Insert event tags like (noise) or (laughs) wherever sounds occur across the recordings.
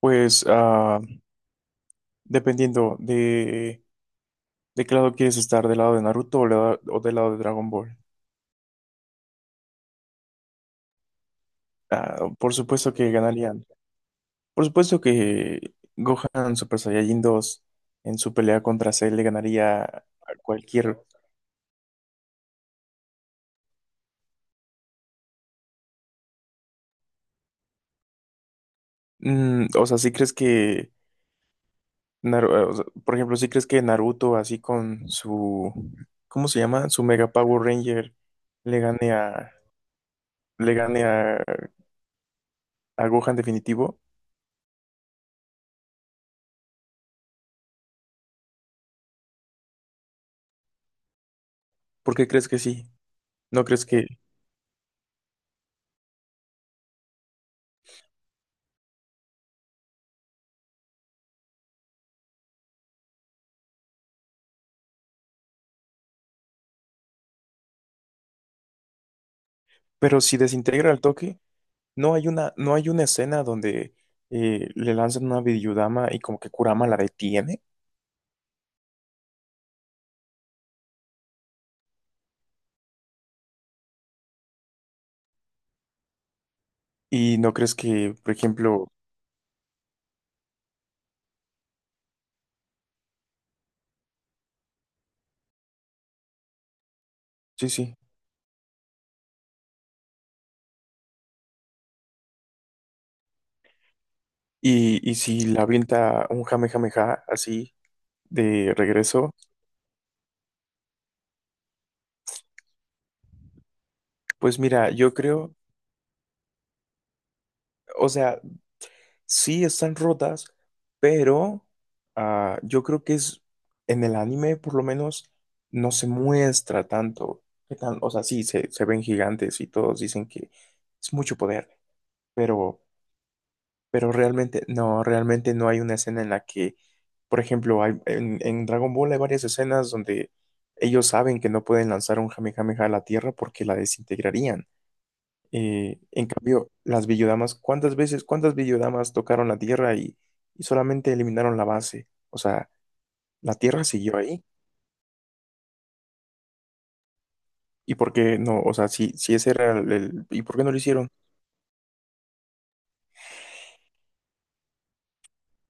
Pues dependiendo de qué lado quieres estar, del lado de Naruto o o del lado de Dragon Ball. Ah, por supuesto que ganarían. Por supuesto que Gohan Super Saiyajin 2 en su pelea contra Cell le ganaría a cualquier... Mm, o sea, si crees que... O sea, por ejemplo, si crees que Naruto así con su... ¿Cómo se llama? Su Mega Power Ranger le gane a... Le gane a Gohan definitivo. ¿Por qué crees que sí? ¿No crees que... Pero si desintegra el toque, no hay una escena donde le lanzan una Bidiyudama y como que Kurama la detiene. Y no crees que, por ejemplo, sí, sí. Y si la avienta un Jamejameja así de regreso, pues mira, yo creo, o sea, sí están rotas, pero yo creo que es en el anime, por lo menos, no se muestra tanto. O sea, sí, se ven gigantes y todos dicen que es mucho poder. pero, pero realmente no hay una escena en la que, por ejemplo, en Dragon Ball hay varias escenas donde ellos saben que no pueden lanzar un Kamehameha a la Tierra porque la desintegrarían. En cambio, las Villodamas, ¿cuántas Villodamas tocaron la Tierra y solamente eliminaron la base? O sea, la Tierra siguió ahí. ¿Y por qué no? O sea, si ese era el ¿y por qué no lo hicieron?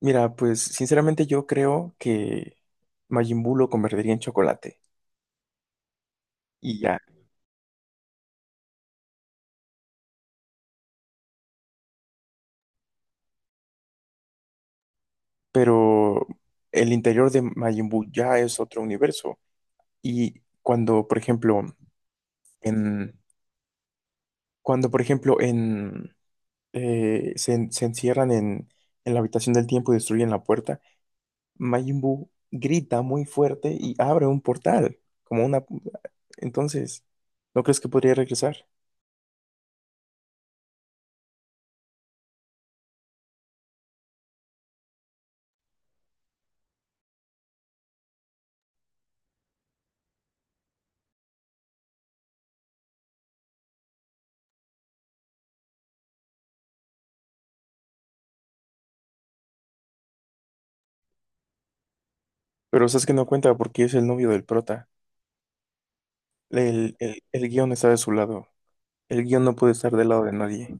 Mira, pues sinceramente yo creo que Majin Buu lo convertiría en chocolate. Y ya, pero el interior de Majin Buu ya es otro universo. Y cuando, por ejemplo, en, cuando, por ejemplo, se encierran en la habitación del tiempo y destruyen la puerta, Majin Buu grita muy fuerte y abre un portal, como una... Entonces, ¿no crees que podría regresar? Pero sabes que no cuenta porque es el novio del prota. El guión está de su lado. El guión no puede estar del lado de nadie.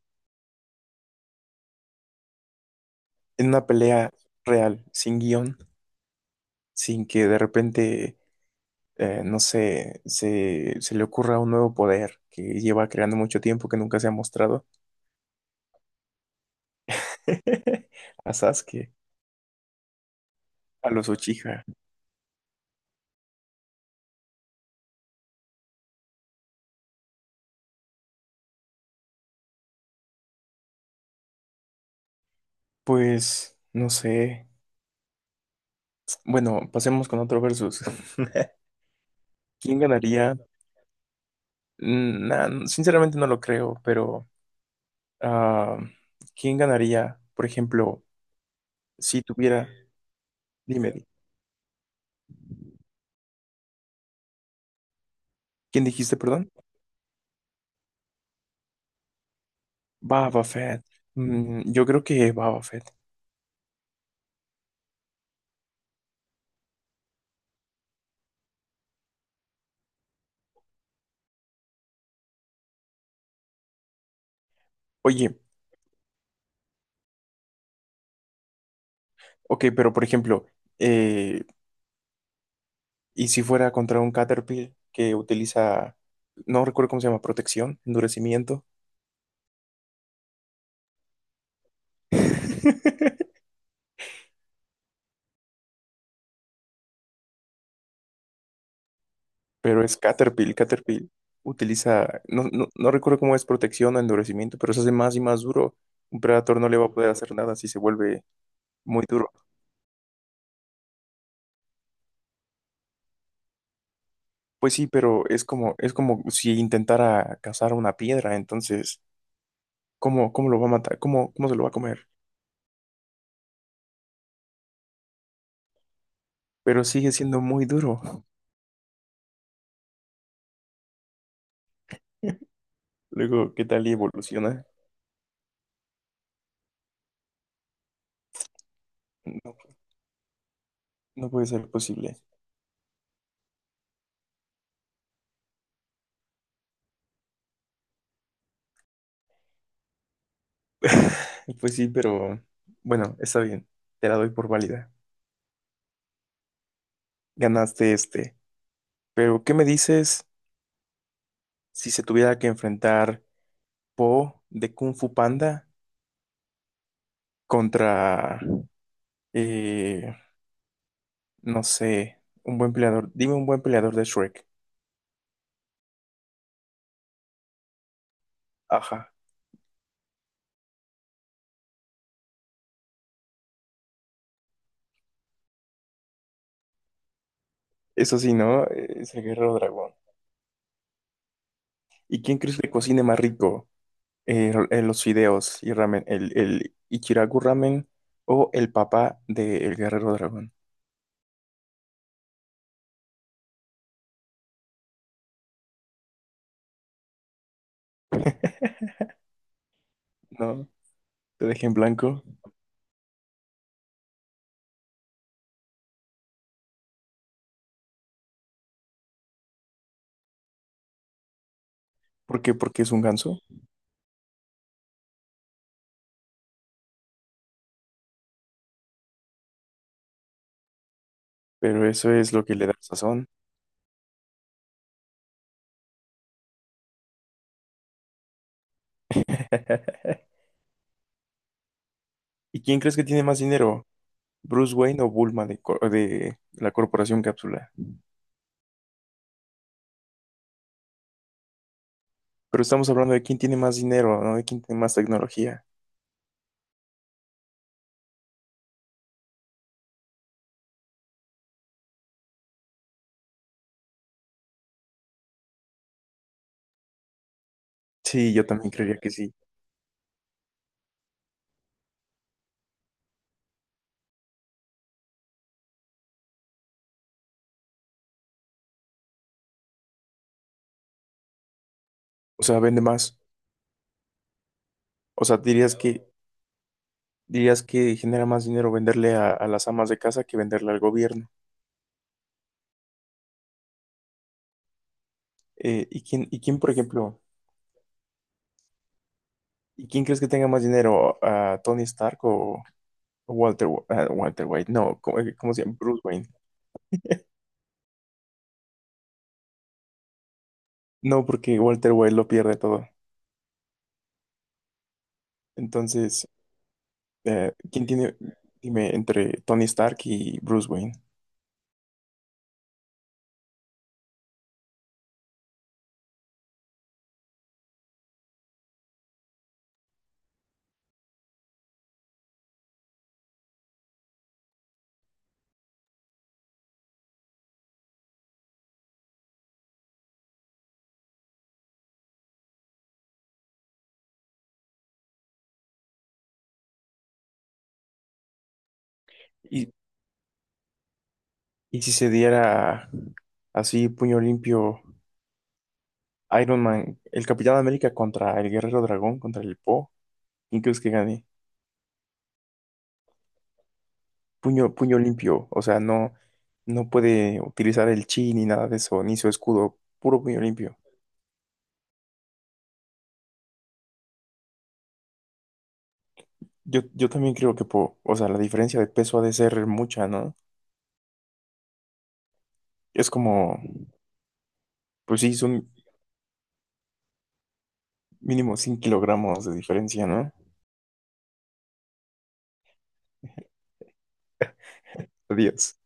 En una pelea real, sin guión, sin que de repente, no sé, se le ocurra un nuevo poder que lleva creando mucho tiempo que nunca se ha mostrado (laughs) a Sasuke, a los Uchiha. Pues, no sé. Bueno, pasemos con otro versus. (laughs) ¿Quién ganaría? Sinceramente no lo creo, pero ah, ¿quién ganaría, por ejemplo, si tuviera... Dime, ¿quién dijiste, perdón? Baba Fett. Mm, yo creo que Baba Fett. Oye, ok, pero por ejemplo, eh, ¿y si fuera contra un Caterpillar que utiliza, no recuerdo cómo se llama, protección, endurecimiento? (laughs) Pero es Caterpillar, Caterpillar. Utiliza, no recuerdo cómo es protección o endurecimiento, pero se hace más y más duro. Un Predator no le va a poder hacer nada si se vuelve muy duro. Pues sí, pero es como si intentara cazar una piedra, entonces, ¿cómo, cómo lo va a matar? ¿Cómo, cómo se lo va a comer? Pero sigue siendo muy duro. (laughs) Luego, ¿qué tal y evoluciona? No, no puede ser posible. (laughs) Pues sí, pero bueno, está bien. Te la doy por válida. Ganaste este. Pero, ¿qué me dices si se tuviera que enfrentar Po de Kung Fu Panda contra, eh, no sé, un buen peleador? Dime un buen peleador de Shrek. Ajá. Eso sí, ¿no? Es el guerrero dragón. ¿Y quién crees que cocine más rico? Los fideos y ramen. ¿El Ichiraku ramen o el papá del guerrero dragón? (laughs) No, te dejé en blanco. ¿Por qué? Porque es un ganso. Pero eso es lo que le da sazón. (laughs) ¿Y quién crees que tiene más dinero? ¿Bruce Wayne o Bulma de la Corporación Cápsula? Pero estamos hablando de quién tiene más dinero, ¿no? De quién tiene más tecnología. Sí, yo también creería que sí. O sea, vende más. O sea, dirías que genera más dinero venderle a las amas de casa que venderle al gobierno. ¿Y quién, por ejemplo, ¿y quién crees que tenga más dinero? ¿A Tony Stark o? Walter White, no, ¿cómo se llama? Bruce Wayne. No, porque Walter White lo pierde todo. Entonces, eh, ¿quién tiene, dime, ¿entre Tony Stark y Bruce Wayne? Y, y si se diera así, puño limpio. Iron Man, el Capitán América contra el Guerrero Dragón, contra el Po. ¿Quién crees que gane? Puño, puño limpio. O sea, no, no puede utilizar el chi ni nada de eso, ni su escudo. Puro puño limpio. Yo también creo que Po. O sea, la diferencia de peso ha de ser mucha, ¿no? Es como, pues sí, son mínimo 100 kilogramos de diferencia, ¿no? (laughs) Adiós.